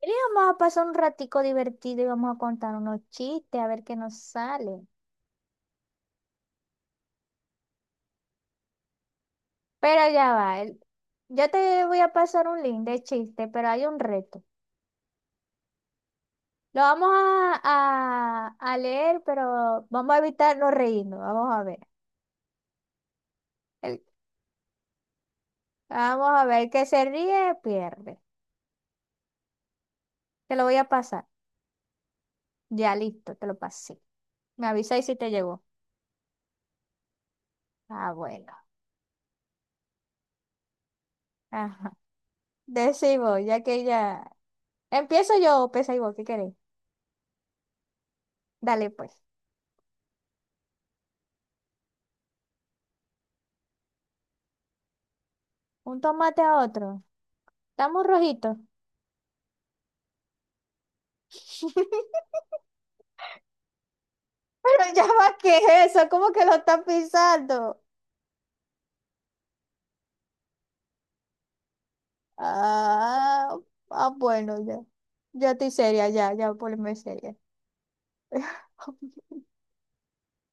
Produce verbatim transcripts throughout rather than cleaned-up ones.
Y vamos a pasar un ratico divertido y vamos a contar unos chistes a ver qué nos sale. Pero ya va, el- yo te voy a pasar un link de chiste, pero hay un reto. Lo vamos a, a, a leer, pero vamos a evitar no reírnos. Vamos a ver. El- Vamos a ver, el que se ríe pierde. Te lo voy a pasar. Ya listo, te lo pasé. Me avisáis si te llegó. Ah, bueno. Ajá. Decí ya que ya. Empiezo yo, pesa y vos, ¿qué queréis? Dale pues. Un tomate a otro. Estamos rojitos. Pero ya va, ¿qué es eso? ¿Cómo que lo está pisando? Ah, ah, bueno, ya. Ya estoy seria, ya, ya ponme seria.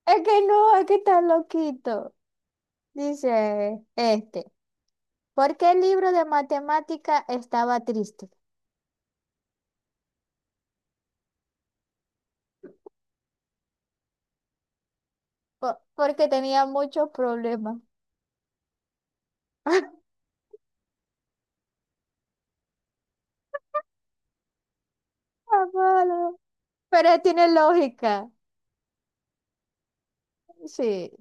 Es que no, es que está loquito. Dice este. ¿Por qué el libro de matemática estaba triste? Po- porque tenía muchos problemas. Ah, malo. Pero tiene lógica. Sí.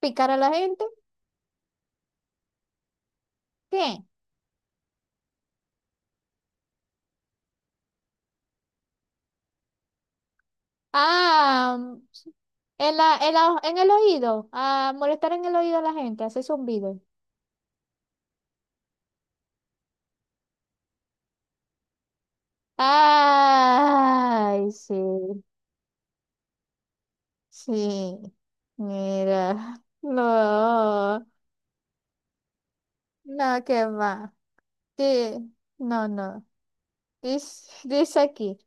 ¿Picar a la gente? ¿Qué? Ah, en la, en la- en el oído, a molestar en el oído a la gente, hace zumbido. Ay, sí, sí. Mira, no, no, qué va. Sí, no, no. Dice, dice aquí,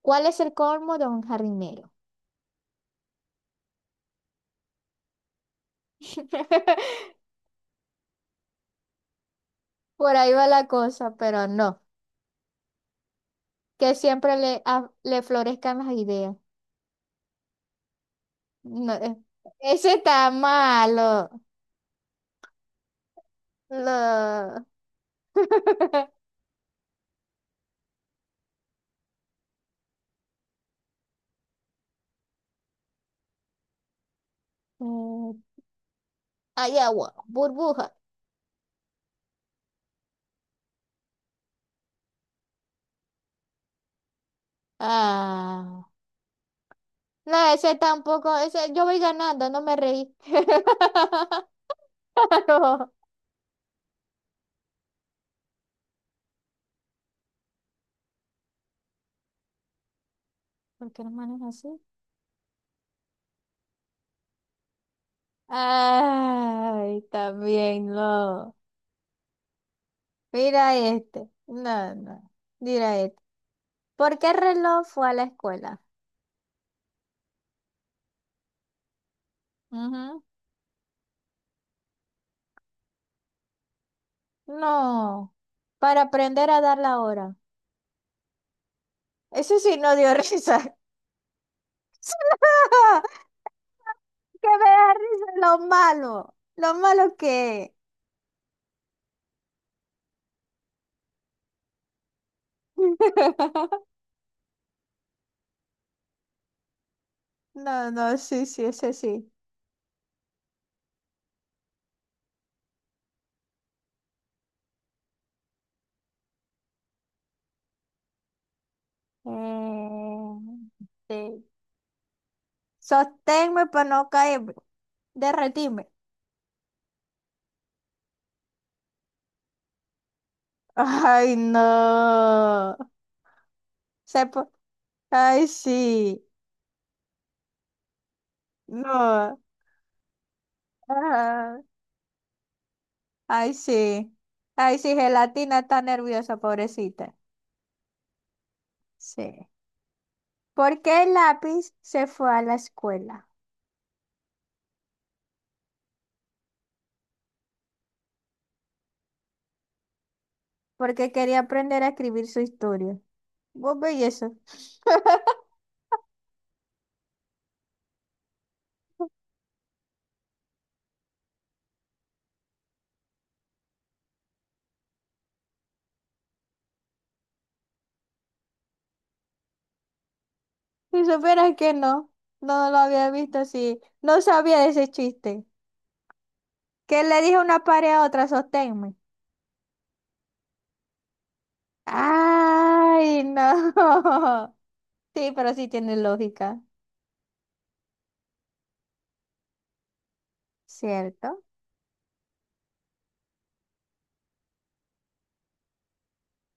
¿cuál es el colmo de un jardinero? Por ahí va la cosa, pero no. Que siempre le, a- le florezcan las ideas. No, eh, ese está malo. No. Mm, Hay agua, burbuja. Ah, no, ese tampoco, ese, yo voy ganando, no me reí. Claro. ¿Por qué las manos así? Ay, también no. Mira este. No, no. Mira este. ¿Por qué el reloj fue a la escuela? Ujú. No. Para aprender a dar la hora. Eso sí no dio risa. Que me da risa lo malo. Lo malo que es. No, no, sí, sí, ese sí. Eh, sí. Sosténme para no caerme. Derretime. Ay, no. Se po- Ay, sí. No. Ajá. Ay, sí. Ay, sí, gelatina está nerviosa, pobrecita. Sí. ¿Por qué el lápiz se fue a la escuela? Porque quería aprender a escribir su historia. Vos veis eso. Si supieras que no, no lo había visto así. No sabía de ese chiste. ¿Qué le dijo una pared a otra? Sosténme. Ay, no. Sí, pero sí tiene lógica. ¿Cierto?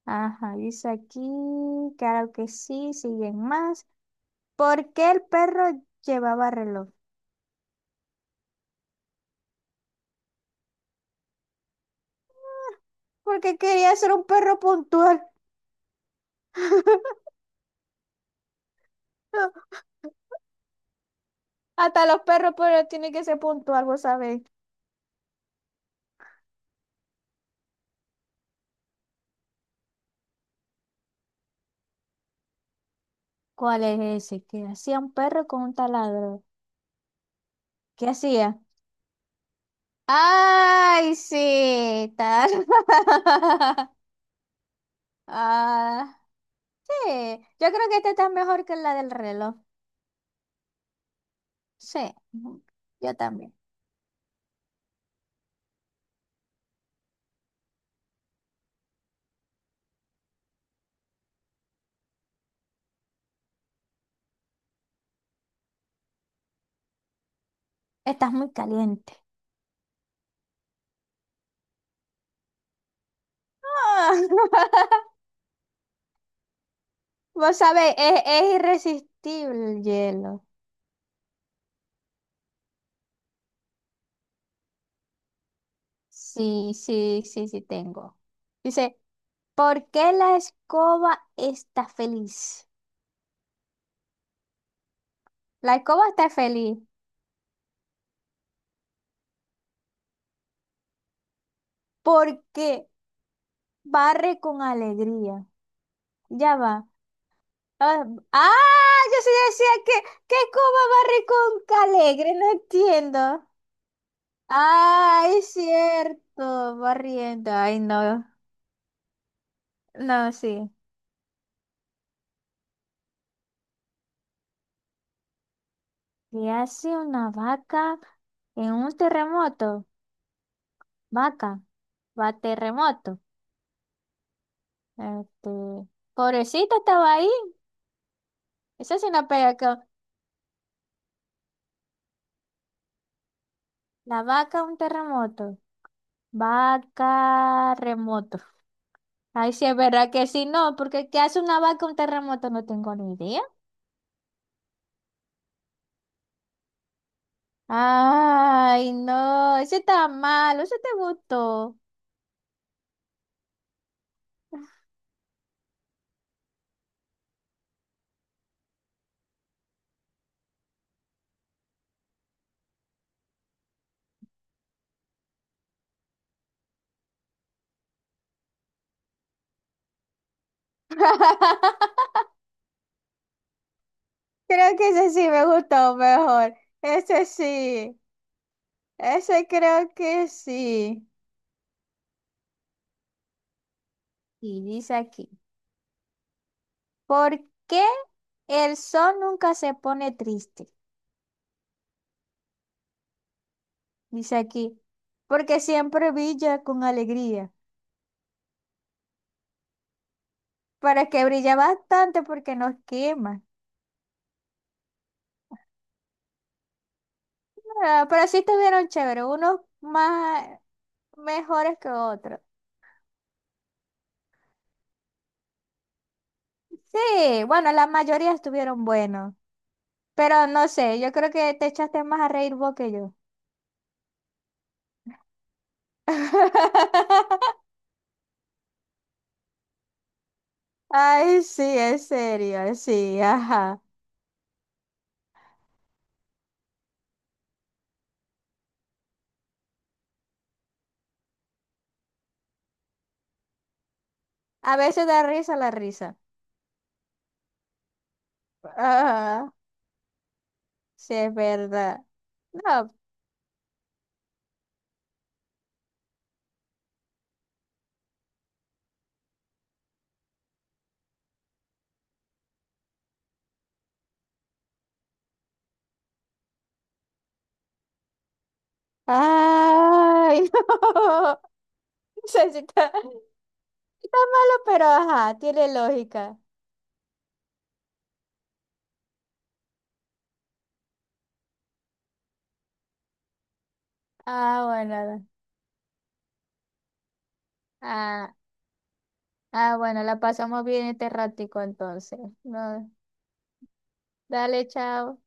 Ajá, dice aquí, claro que sí, siguen más. ¿Por qué el perro llevaba reloj? Porque quería ser un perro puntual. Hasta los perros, pero tiene que ser puntual, vos sabés. ¿Cuál es ese? ¿Qué hacía un perro con un taladro? ¿Qué hacía? Ay, sí, tal. Ah, sí, yo creo que esta está mejor que la del reloj. Sí, yo también. Estás muy caliente. Ah, vos sabés, es, es irresistible el hielo. Sí, sí, sí, sí tengo. Dice, ¿por qué la escoba está feliz? La escoba está feliz porque barre con alegría. Ya va. Ah, ah, yo sí decía que, que cómo barre con calegre, no entiendo. Ah, es cierto, barriendo. Ay, no, no, sí. ¿Qué hace una vaca en un terremoto? Vaca, va terremoto. Este, pobrecita estaba ahí. Eso sí no pega con la vaca un terremoto. Vaca remoto. Ay, sí es verdad que sí, no, porque ¿qué hace una vaca un terremoto? No tengo ni idea. Ay, no, ese está malo, ese te gustó. Creo que ese sí me gustó mejor. Ese sí, ese creo que sí. Y dice aquí, ¿por qué el sol nunca se pone triste? Dice aquí, porque siempre brilla con alegría. Para que brilla bastante porque nos quema. Ah, pero sí estuvieron chéveres, unos más mejores que otros. Sí, bueno, la mayoría estuvieron buenos, pero no sé, yo creo que te echaste más a reír vos que yo. Ay, sí, en serio, sí, ajá. A veces da risa la risa. Ajá, sí, es verdad. No. Ay, no. No sé si está, está malo, pero ajá, tiene lógica. Ah, bueno. Ah, ah, bueno, la pasamos bien este ratico entonces. No, dale, chao.